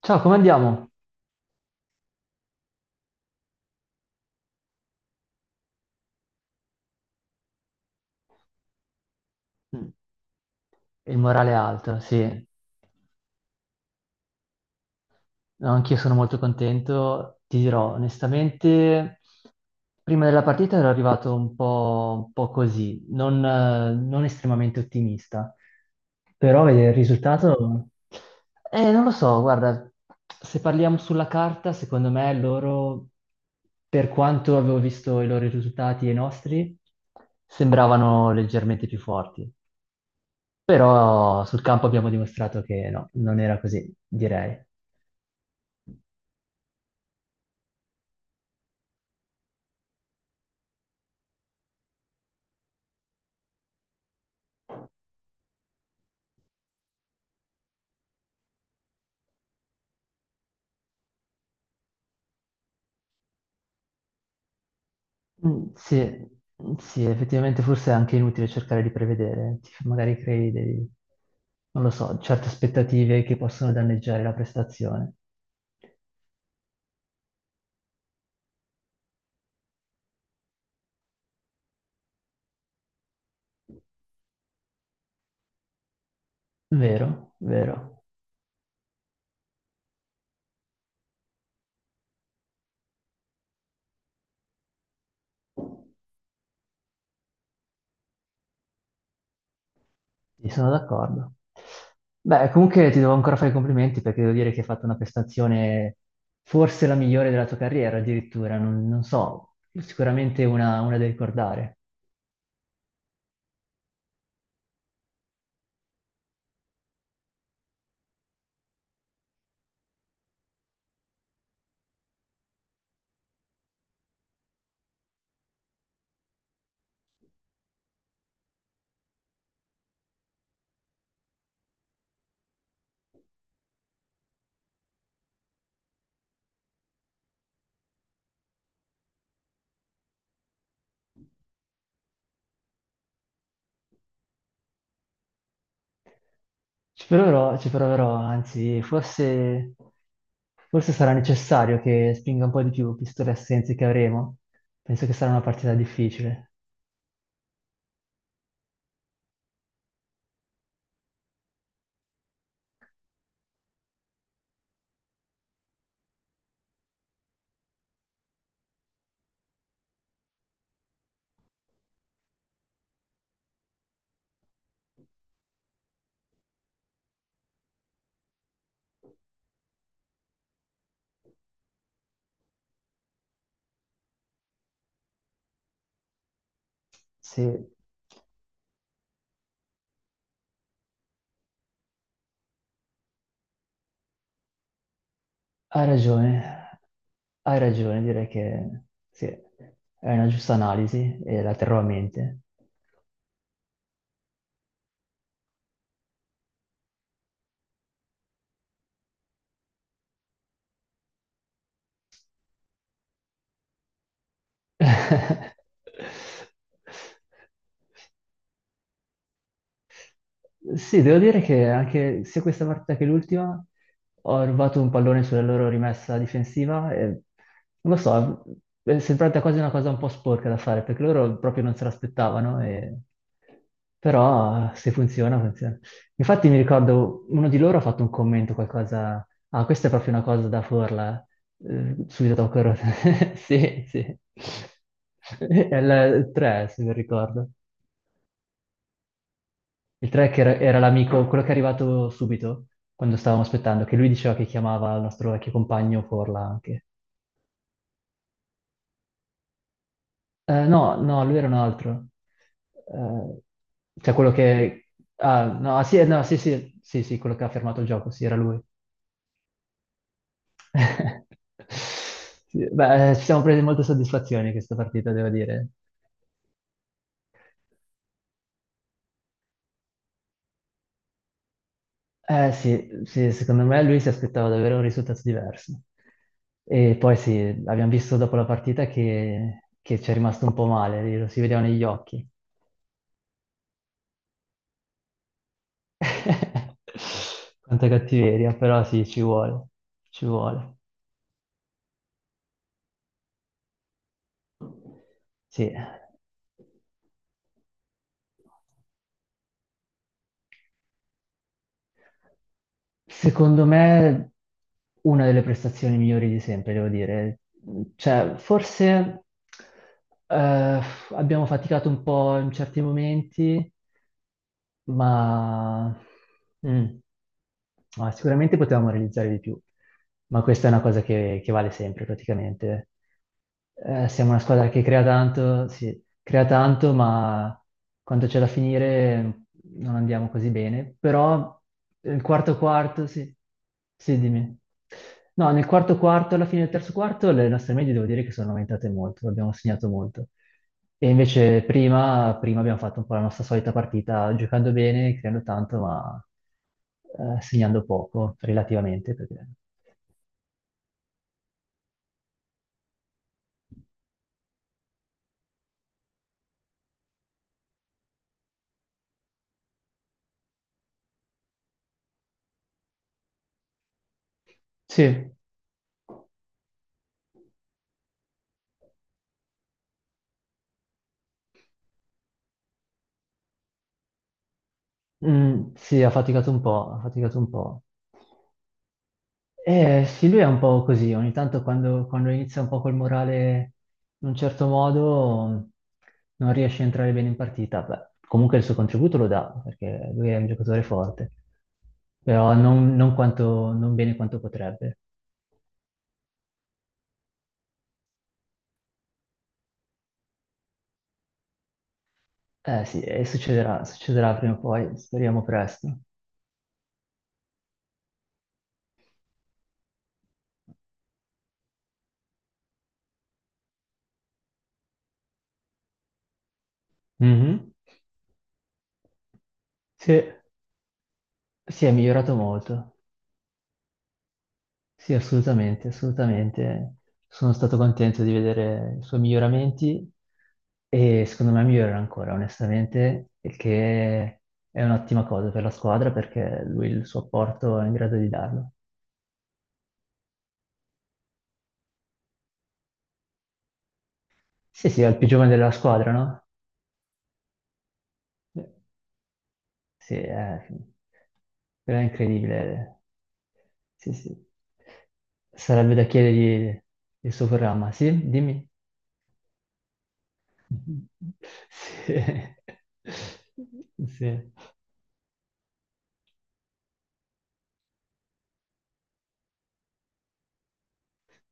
Ciao, come andiamo? Mm. Il morale è alto, sì. No, anch'io sono molto contento. Ti dirò, onestamente, prima della partita ero arrivato un po' così, non, non estremamente ottimista. Però vedere il risultato... Non lo so, guarda, se parliamo sulla carta, secondo me loro, per quanto avevo visto i loro risultati e i nostri, sembravano leggermente più forti. Però sul campo abbiamo dimostrato che no, non era così, direi. Mm. Sì, sì, effettivamente forse è anche inutile cercare di prevedere, magari crei dei, non lo so, certe aspettative che possono danneggiare la prestazione. Vero, vero, sì, sono d'accordo. Beh, comunque ti devo ancora fare i complimenti perché devo dire che hai fatto una prestazione forse la migliore della tua carriera addirittura, non, non so, sicuramente una da ricordare. Ci proverò, anzi, forse, forse sarà necessario che spinga un po' di più, visto le assenze che avremo. Penso che sarà una partita difficile. Sì, hai ragione, hai ragione, direi che sì, è una giusta analisi e la terrò a mente. Sì, devo dire che anche sia questa partita che l'ultima ho rubato un pallone sulla loro rimessa difensiva e non lo so, è sembrata quasi una cosa un po' sporca da fare perché loro proprio non se l'aspettavano, e- però se funziona, funziona. Infatti mi ricordo uno di loro ha fatto un commento, qualcosa, ah, questa è proprio una cosa da Forla, subito dopo Corona. Sì, sì. È il 3, se non ricordo. Il track era, era l'amico, quello che è arrivato subito, quando stavamo aspettando, che lui diceva che chiamava il nostro vecchio compagno Forla anche. No, no, lui era un altro. Eh, cioè quello che... Ah, no, ah, sì, no, sì, sì, sì, sì, quello che ha fermato il gioco, sì, era lui. Sì, beh, ci siamo presi molte soddisfazioni questa partita, devo dire. Eh sì, sì, secondo me lui si aspettava davvero un risultato diverso. E poi sì, abbiamo visto dopo la partita che ci è rimasto un po' male, lo si vedeva negli occhi. Quanta cattiveria, però sì, ci vuole, ci vuole. Sì. Secondo me una delle prestazioni migliori di sempre, devo dire. Cioè, forse eh, abbiamo faticato un po' in certi momenti, ma mm, ma sicuramente potevamo realizzare di più, ma questa è una cosa che vale sempre praticamente. Siamo una squadra che crea tanto, sì, crea tanto, ma quando c'è da finire non andiamo così bene. Però il quarto quarto, sì, sì, dimmi. No, nel quarto quarto, alla fine del terzo quarto, le nostre medie devo dire che sono aumentate molto, abbiamo segnato molto. E invece prima abbiamo fatto un po' la nostra solita partita, giocando bene, creando tanto, ma segnando poco, relativamente. Perché- Sì, mm, sì, ha faticato un po', ha faticato un po'. Sì, lui è un po' così, ogni tanto quando, quando inizia un po' col morale in un certo modo non riesce a entrare bene in partita. Beh, comunque il suo contributo lo dà, perché lui è un giocatore forte, però non, non quanto- non bene quanto potrebbe. Eh sì, e succederà, succederà prima o poi, speriamo presto. Mhm. Sì, si è migliorato molto. Sì, assolutamente, assolutamente. Sono stato contento di vedere i suoi miglioramenti e secondo me migliorerà ancora, onestamente, il che è un'ottima cosa per la squadra perché lui il suo apporto è in grado di darlo. Sì, sì, è il più giovane della squadra, no? Sì, è, però è incredibile. Sì, sì. Sarebbe da chiedergli il suo programma, sì? Dimmi. Sì. Sì.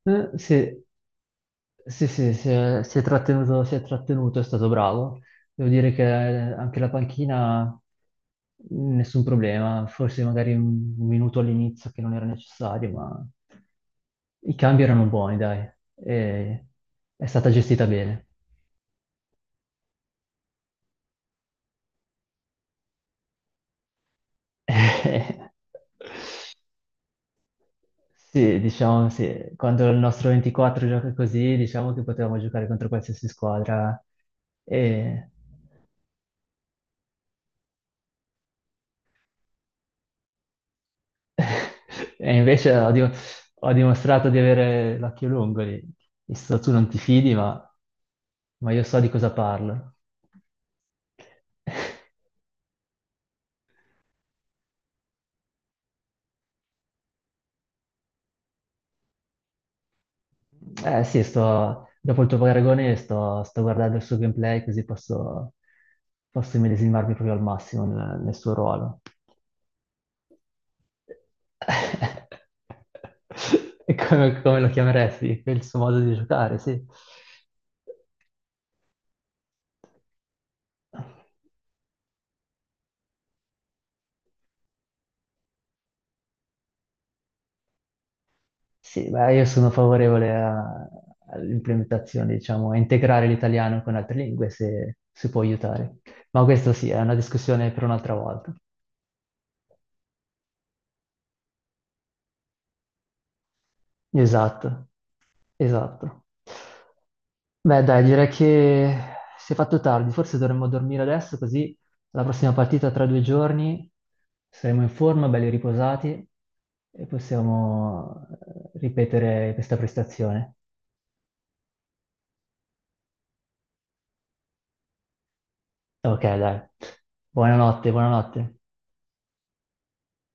Sì, sì, sì, si è trattenuto, si è trattenuto, è stato bravo. Devo dire che anche la panchina, nessun problema, forse magari un minuto all'inizio che non era necessario, ma i cambi erano buoni, dai, e è stata gestita bene. Sì, diciamo sì, quando il nostro 24 gioca così, diciamo che potevamo giocare contro qualsiasi squadra e E invece ho, ho dimostrato di avere l'occhio lungo lì. Visto, tu non ti fidi, ma io so di cosa parlo. Eh sì, sto, dopo il tuo paragone sto, sto guardando il suo gameplay così posso, posso immedesimarmi proprio al massimo nel, nel suo ruolo. E come, come lo chiameresti? È Il suo modo di giocare, sì. Sì, beh, io sono favorevole a- all'implementazione, diciamo, a integrare l'italiano con altre lingue se si può aiutare. Ma questo sì, è una discussione per un'altra volta. Esatto, esatto. Beh, dai, direi che si è fatto tardi, forse dovremmo dormire adesso, così la prossima partita tra 2 giorni saremo in forma, belli riposati e possiamo ripetere questa prestazione. Ok, dai. Buonanotte, buonanotte.